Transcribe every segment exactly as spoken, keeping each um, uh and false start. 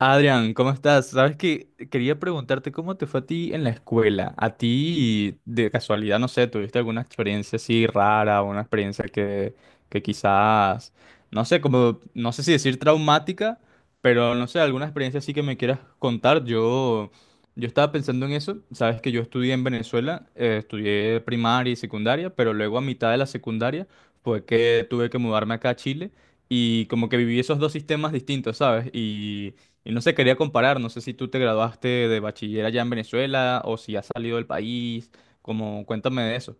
Adrián, ¿cómo estás? Sabes que quería preguntarte cómo te fue a ti en la escuela. A ti, de casualidad, no sé, ¿tuviste alguna experiencia así rara, una experiencia que, que quizás, no sé, como, no sé si decir traumática, pero no sé, alguna experiencia así que me quieras contar? Yo, yo estaba pensando en eso. Sabes que yo estudié en Venezuela, eh, estudié primaria y secundaria, pero luego a mitad de la secundaria fue que tuve que mudarme acá a Chile y como que viví esos dos sistemas distintos, ¿sabes? Y y no se quería comparar, no sé si tú te graduaste de bachiller allá en Venezuela o si has salido del país, como cuéntame de eso.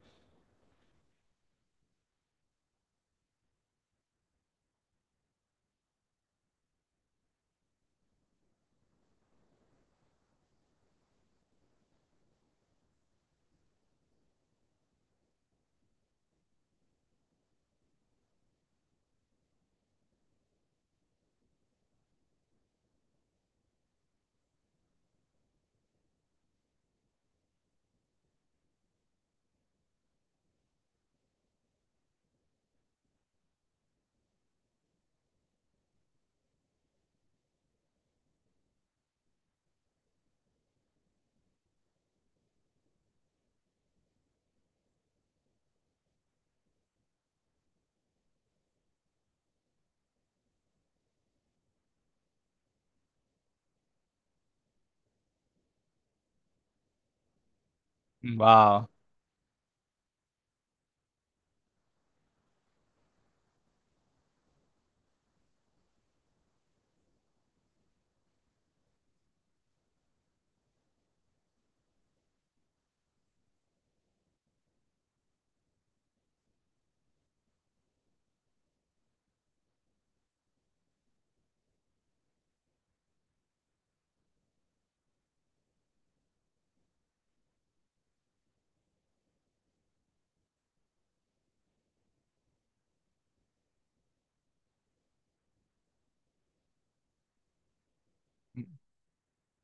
Wow.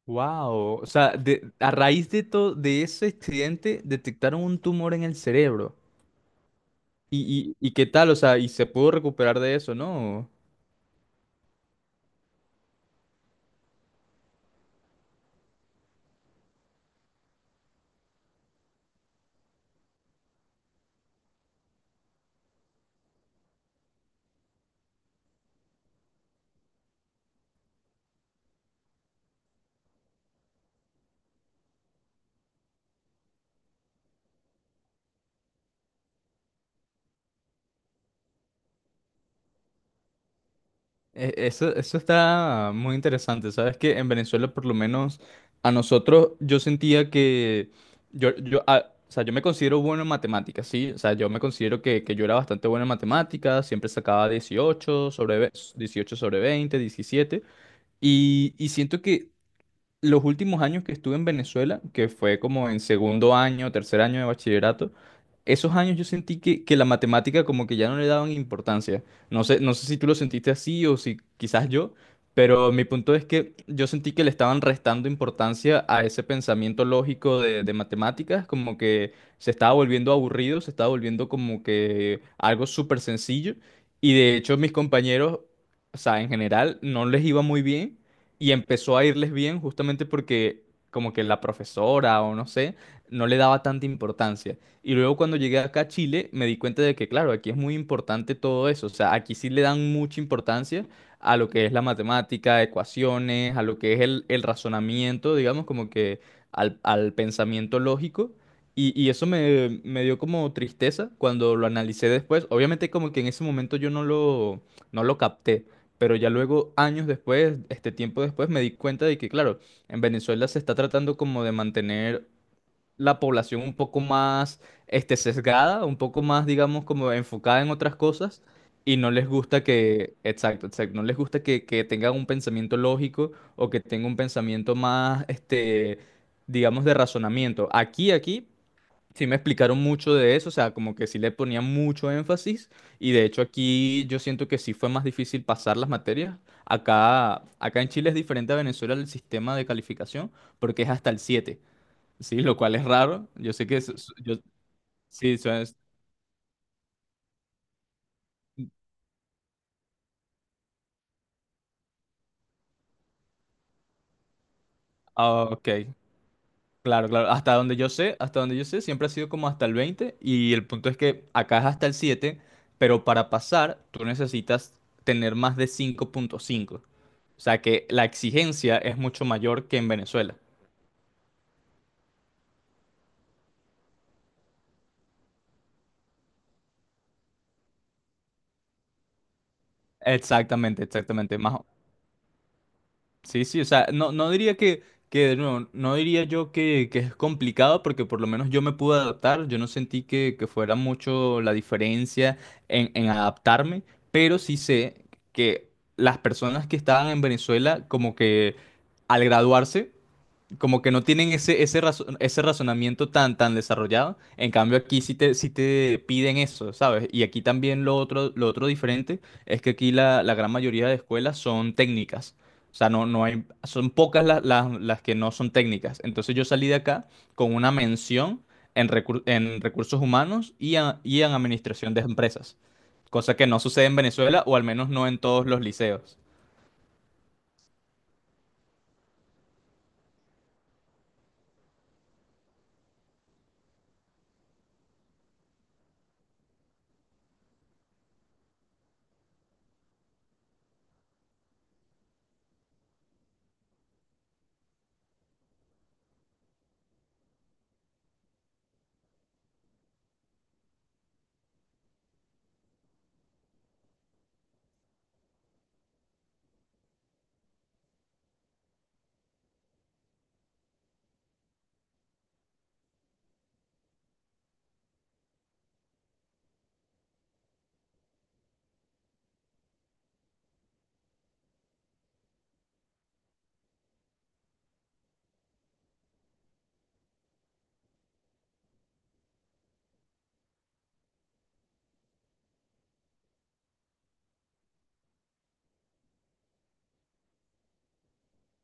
Wow. O sea, de- a raíz de todo de ese accidente detectaron un tumor en el cerebro. ¿Y, y, y qué tal? O sea, y se pudo recuperar de eso, ¿no? E- Eso, eso está muy interesante, ¿sabes? Que en Venezuela, por lo menos a nosotros, yo sentía que yo, yo, ah, o sea, yo me considero bueno en matemáticas, ¿sí? O sea, yo me considero que, que yo era bastante bueno en matemáticas, siempre sacaba dieciocho sobre, ve- dieciocho sobre veinte diecisiete y, y siento que los últimos años que estuve en Venezuela, que fue como en segundo año, tercer año de bachillerato, esos años yo sentí que, que la matemática como que ya no le daban importancia. No sé, no sé si tú lo sentiste así o si quizás yo, pero mi punto es que yo sentí que le estaban restando importancia a ese pensamiento lógico de, de matemáticas, como que se estaba volviendo aburrido, se estaba volviendo como que algo súper sencillo. Y de hecho mis compañeros, o sea, en general no les iba muy bien y empezó a irles bien justamente porque como que la profesora o no sé, no le daba tanta importancia. Y luego cuando llegué acá a Chile me di cuenta de que claro, aquí es muy importante todo eso, o sea, aquí sí le dan mucha importancia a lo que es la matemática, ecuaciones, a lo que es el, el razonamiento, digamos, como que al, al pensamiento lógico. Y, y eso me, me dio como tristeza cuando lo analicé después. Obviamente como que en ese momento yo no lo, no lo capté. Pero ya luego, años después, este tiempo después, me di cuenta de que, claro, en Venezuela se está tratando como de mantener la población un poco más, este, sesgada, un poco más, digamos, como enfocada en otras cosas. Y no les gusta que, exacto, exacto, no les gusta que, que tengan un pensamiento lógico o que tenga un pensamiento más, este, digamos, de razonamiento. Aquí, aquí, sí me explicaron mucho de eso, o sea, como que sí le ponían mucho énfasis y de hecho aquí yo siento que sí fue más difícil pasar las materias. Acá, acá en Chile es diferente a Venezuela el sistema de calificación porque es hasta el siete, ¿sí? Lo cual es raro. Yo sé que es- es- yo, sí, eso es- ah, ok, claro, claro. Hasta donde yo sé, hasta donde yo sé, siempre ha sido como hasta el veinte y el punto es que acá es hasta el siete, pero para pasar tú necesitas tener más de cinco punto cinco. O sea que la exigencia es mucho mayor que en Venezuela. Exactamente, exactamente. Más, sí, sí, o sea, no, no diría que, que de nuevo, no diría yo que, que es complicado porque por lo menos yo me pude adaptar, yo no sentí que, que fuera mucho la diferencia en, en adaptarme, pero sí sé que las personas que estaban en Venezuela como que al graduarse como que no tienen ese, ese, razo- ese razonamiento tan, tan desarrollado. En cambio, aquí sí te, sí te piden eso, ¿sabes? Y aquí también lo otro, lo otro diferente es que aquí la, la gran mayoría de escuelas son técnicas. O sea, no, no hay, son pocas la- la- las que no son técnicas. Entonces yo salí de acá con una mención en, recur- en recursos humanos y, a- y en administración de empresas. Cosa que no sucede en Venezuela, o al menos no en todos los liceos.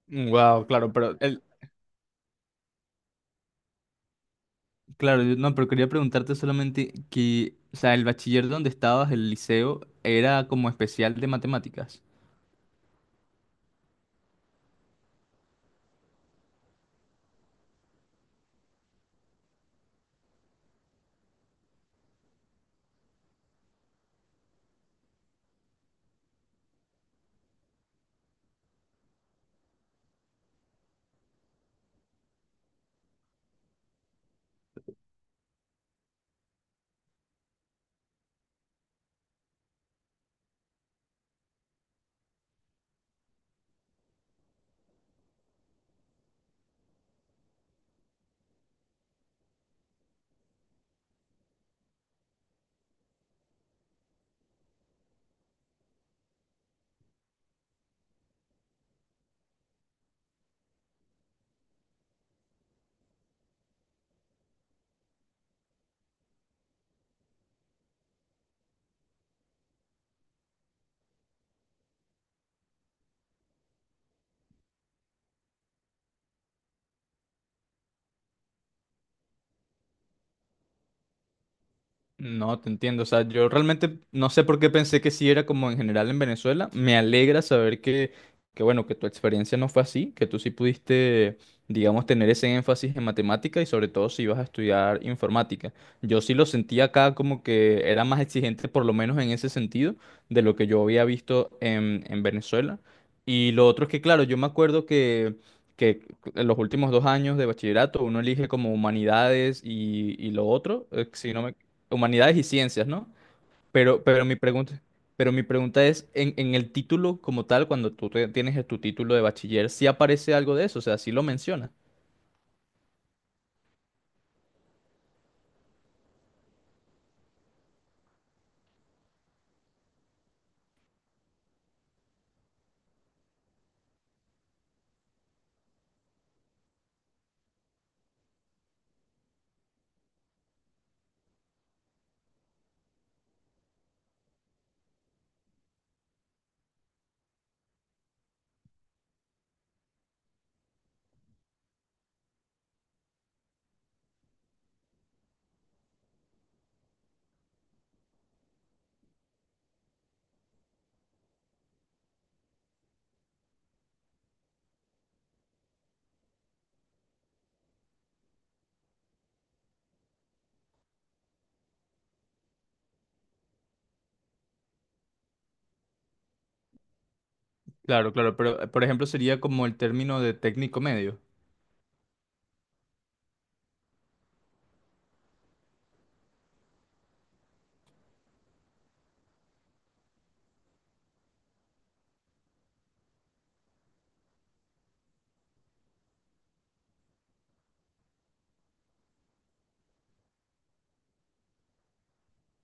Wow, claro, pero el, Claro, yo- no, pero quería preguntarte solamente que, o sea, el bachiller donde estabas, el liceo, era como especial de matemáticas. No, te entiendo. O sea, yo realmente no sé por qué pensé que sí era como en general en Venezuela. Me alegra saber que, que, bueno, que tu experiencia no fue así, que tú sí pudiste, digamos, tener ese énfasis en matemática y sobre todo si ibas a estudiar informática. Yo sí lo sentí acá como que era más exigente, por lo menos en ese sentido, de lo que yo había visto en, en Venezuela. Y lo otro es que, claro, yo me acuerdo que... que en los últimos dos años de bachillerato uno elige como humanidades y, y lo otro, eh, si no me humanidades y ciencias, ¿no? Pero, pero mi pregunta, pero mi pregunta, es, en, en el título como tal, cuando tú te- tienes tu título de bachiller, ¿sí aparece algo de eso? O sea, ¿sí lo menciona? Claro, claro, pero eh, por ejemplo sería como el término de técnico medio.